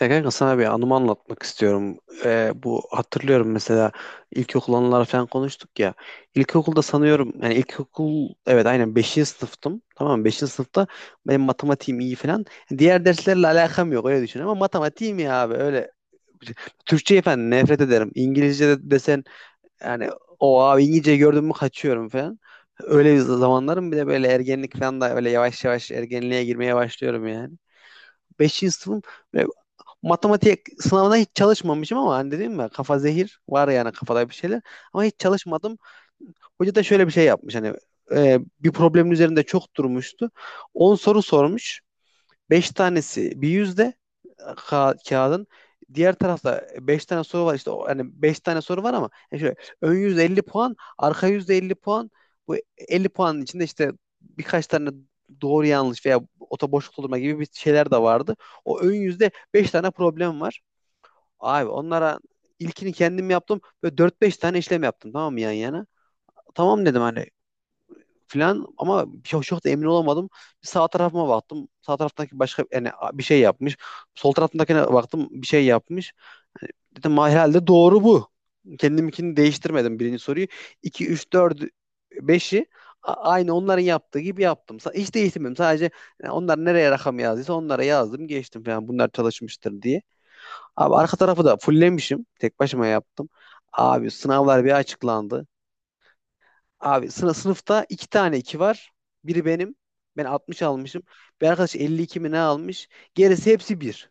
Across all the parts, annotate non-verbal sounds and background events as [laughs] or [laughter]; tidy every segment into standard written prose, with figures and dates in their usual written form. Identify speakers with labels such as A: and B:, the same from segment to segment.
A: Ya kanka sana bir anımı anlatmak istiyorum. Bu hatırlıyorum mesela ilkokul anıları falan konuştuk ya. İlkokulda sanıyorum yani ilkokul evet aynen beşinci sınıftım. Tamam mı? 5. sınıfta benim matematiğim iyi falan. Diğer derslerle alakam yok öyle düşün ama matematiğim iyi abi öyle. Türkçeyi falan nefret ederim. İngilizce de desen yani o abi İngilizce gördüm mü kaçıyorum falan. Öyle bir zamanlarım bir de böyle ergenlik falan da öyle yavaş yavaş ergenliğe girmeye başlıyorum yani. Beşinci sınıfım matematik sınavına hiç çalışmamışım ama hani dedim ya kafa zehir var yani kafada bir şeyler ama hiç çalışmadım. Hoca da şöyle bir şey yapmış hani bir problemin üzerinde çok durmuştu. 10 soru sormuş. Beş tanesi bir yüzde kağıdın. Diğer tarafta 5 tane soru var işte hani 5 tane soru var ama yani şöyle ön yüzde 50 puan, arka yüzde 50 puan. Bu 50 puanın içinde işte birkaç tane doğru yanlış veya ota boşluk doldurma gibi bir şeyler de vardı. O ön yüzde 5 tane problem var. Abi onlara ilkini kendim yaptım. Böyle dört beş tane işlem yaptım, tamam mı, yan yana? Tamam dedim hani filan ama çok, çok da emin olamadım. Bir sağ tarafıma baktım. Sağ taraftaki başka yani bir şey yapmış. Sol tarafındakine baktım, bir şey yapmış. Hani dedim, "Ma, herhalde doğru bu." Kendiminkini değiştirmedim birinci soruyu. İki üç, dört, beşi aynı onların yaptığı gibi yaptım. Hiç değiştirmedim. Sadece yani onlar nereye rakam yazdıysa onlara yazdım, geçtim falan. Bunlar çalışmıştır diye. Abi arka tarafı da fullemişim. Tek başıma yaptım. Abi sınavlar bir açıklandı. Abi sınıfta iki tane iki var. Biri benim. Ben 60 almışım. Bir arkadaş 52 mi ne almış. Gerisi hepsi bir.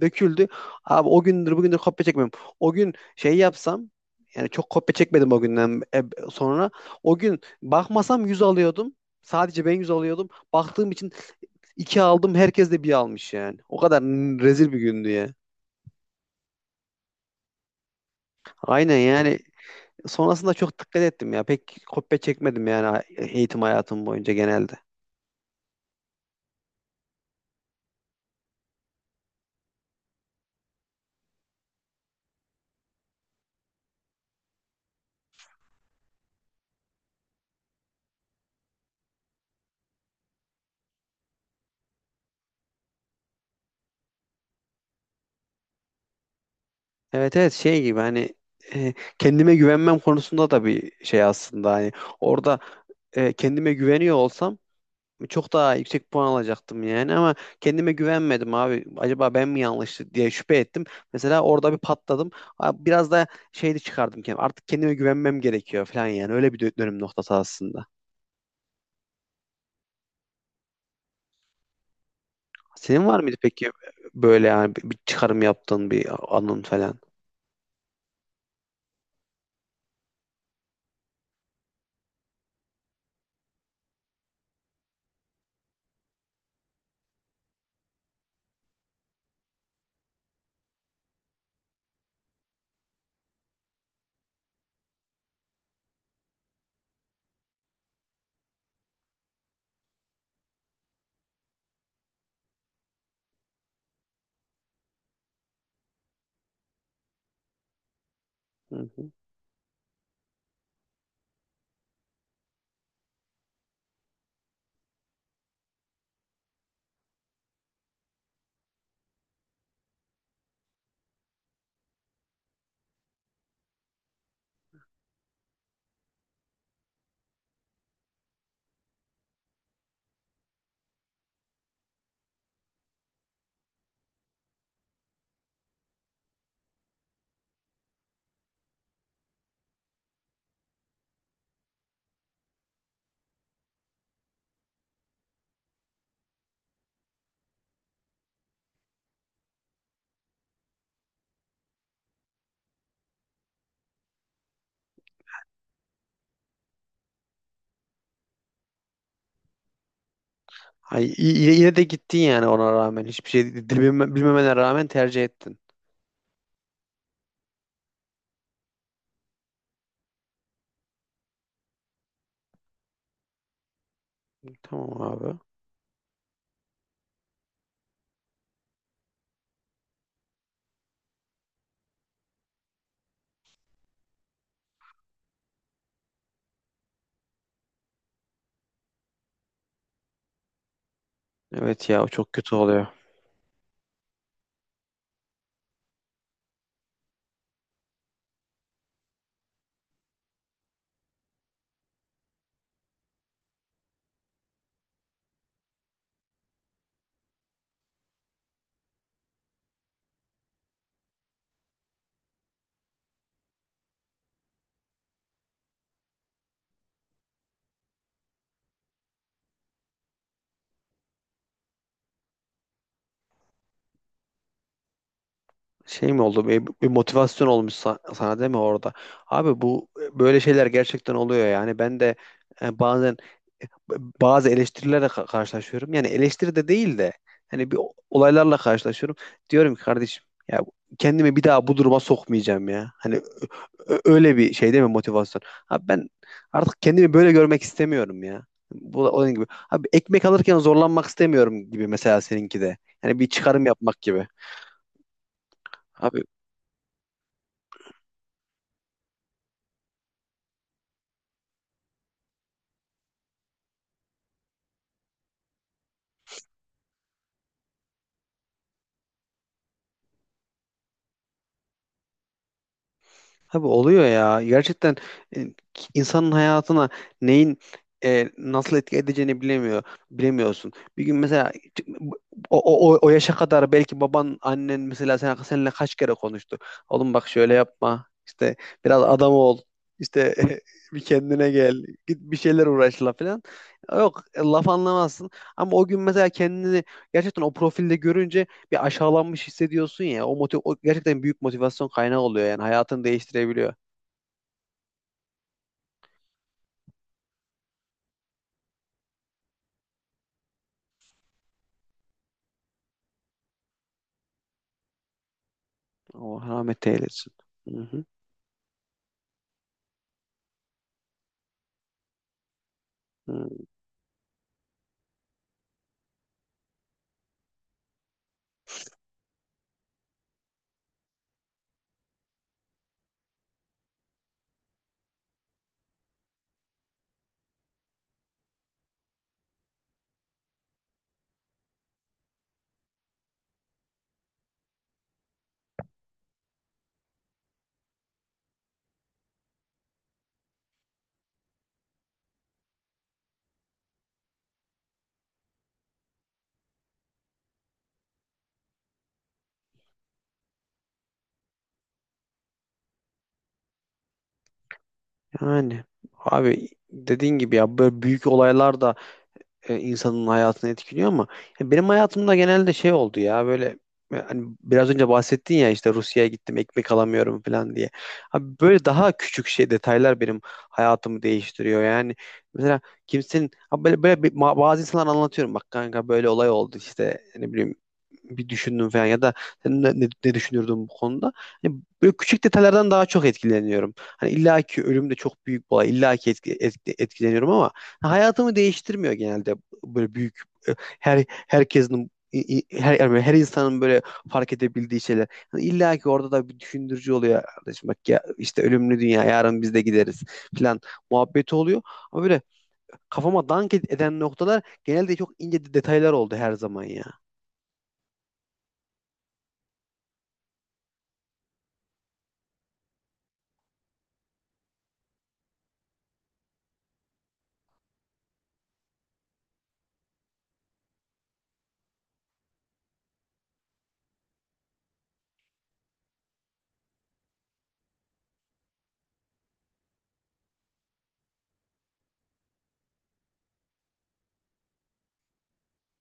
A: Döküldü. Abi o gündür bugündür kopya çekmem. O gün şey yapsam yani çok kopya çekmedim o günden sonra. O gün bakmasam 100 alıyordum. Sadece ben 100 alıyordum. Baktığım için 2 aldım. Herkes de bir almış yani. O kadar rezil bir gündü ya. Aynen yani. Sonrasında çok dikkat ettim ya. Pek kopya çekmedim yani eğitim hayatım boyunca genelde. Evet evet şey gibi hani kendime güvenmem konusunda da bir şey aslında. Hani orada kendime güveniyor olsam çok daha yüksek puan alacaktım yani ama kendime güvenmedim abi. Acaba ben mi yanlış diye şüphe ettim. Mesela orada bir patladım. Abi biraz da şey de çıkardım kendim. Artık kendime güvenmem gerekiyor falan yani. Öyle bir dönüm noktası aslında. Senin var mıydı peki böyle yani bir çıkarım yaptığın bir anın falan? Hı hı. Ay, yine de gittin yani ona rağmen. Hiçbir şey bilmemene rağmen tercih ettin. Tamam abi. Evet ya, o çok kötü oluyor. Şey mi oldu? Bir motivasyon olmuş sana değil mi orada? Abi bu böyle şeyler gerçekten oluyor yani. Ben de bazen bazı eleştirilerle karşılaşıyorum. Yani eleştiri de değil de hani bir olaylarla karşılaşıyorum. Diyorum ki, kardeşim ya kendimi bir daha bu duruma sokmayacağım ya. Hani Öyle bir şey değil mi motivasyon? Abi ben artık kendimi böyle görmek istemiyorum ya. Bu da onun gibi. Abi ekmek alırken zorlanmak istemiyorum gibi mesela seninki de. Yani bir çıkarım yapmak gibi. Abi Abi oluyor ya. Gerçekten e, insanın hayatına neyin nasıl etki edeceğini bilemiyor. Bilemiyorsun. Bir gün mesela o, o yaşa kadar belki baban, annen mesela seninle kaç kere konuştu. Oğlum, bak, şöyle yapma. İşte biraz adam ol. İşte [laughs] bir kendine gel. Git bir şeyler uğraşla falan. Yok laf anlamazsın. Ama o gün mesela kendini gerçekten o profilde görünce bir aşağılanmış hissediyorsun ya, o, o gerçekten büyük motivasyon kaynağı oluyor yani hayatını değiştirebiliyor. Allah rahmet eylesin. Hı hı. Hı. Yani abi dediğin gibi ya böyle büyük olaylar da insanın hayatını etkiliyor ama ya benim hayatımda genelde şey oldu ya böyle hani biraz önce bahsettin ya işte Rusya'ya gittim ekmek alamıyorum falan diye. Abi böyle daha küçük şey detaylar benim hayatımı değiştiriyor. Yani mesela kimsenin abi böyle böyle bazı insanlar, anlatıyorum, bak kanka böyle olay oldu işte ne bileyim bir düşündüm falan ya da sen ne düşünürdün bu konuda? Hani böyle küçük detaylardan daha çok etkileniyorum. Hani illaki ölüm de çok büyük bir olay. İllaki etkileniyorum ama hayatımı değiştirmiyor genelde böyle büyük e, her herkesin i- i- her yani her insanın böyle fark edebildiği şeyler. Hani İlla ki orada da bir düşündürücü oluyor, kardeşim bak ya işte ölümlü dünya yarın biz de gideriz falan muhabbeti oluyor. Ama böyle kafama dank eden noktalar genelde çok ince detaylar oldu her zaman ya.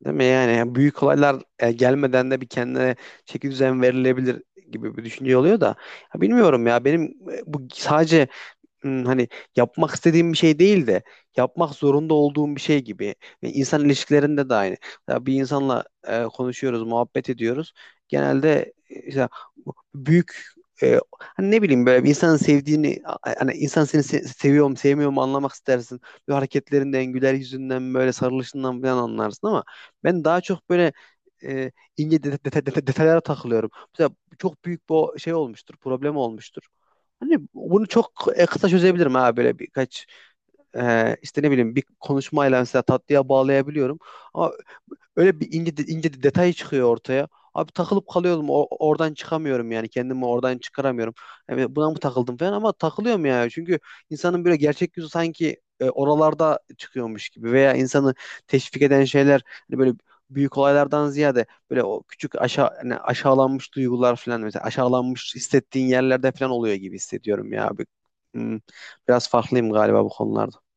A: Değil mi yani? Yani büyük olaylar gelmeden de bir kendine çeki düzen verilebilir gibi bir düşünce oluyor da. Ya bilmiyorum ya benim bu sadece hani yapmak istediğim bir şey değil de yapmak zorunda olduğum bir şey gibi. Ve insan ilişkilerinde de aynı. Ya bir insanla konuşuyoruz, muhabbet ediyoruz. Genelde işte bu büyük hani ne bileyim böyle bir insanın sevdiğini hani insan seni seviyorum, sevmiyorum anlamak istersin. Böyle hareketlerinden, güler yüzünden, böyle sarılışından falan anlarsın ama ben daha çok böyle e, ince detaylara takılıyorum. Mesela çok büyük bir şey olmuştur, problem olmuştur. Hani bunu çok kısa çözebilirim ha, böyle birkaç işte ne bileyim bir konuşmayla mesela tatlıya bağlayabiliyorum. Ama öyle bir ince de detay çıkıyor ortaya. Abi takılıp kalıyorum oradan çıkamıyorum yani kendimi oradan çıkaramıyorum. Yani buna mı takıldım falan, ama takılıyorum ya. Çünkü insanın böyle gerçek yüzü sanki oralarda çıkıyormuş gibi, veya insanı teşvik eden şeyler hani böyle büyük olaylardan ziyade böyle o küçük aşağı hani aşağılanmış duygular falan, mesela aşağılanmış hissettiğin yerlerde falan oluyor gibi hissediyorum ya bir... Hmm, Biraz farklıyım galiba bu konularda.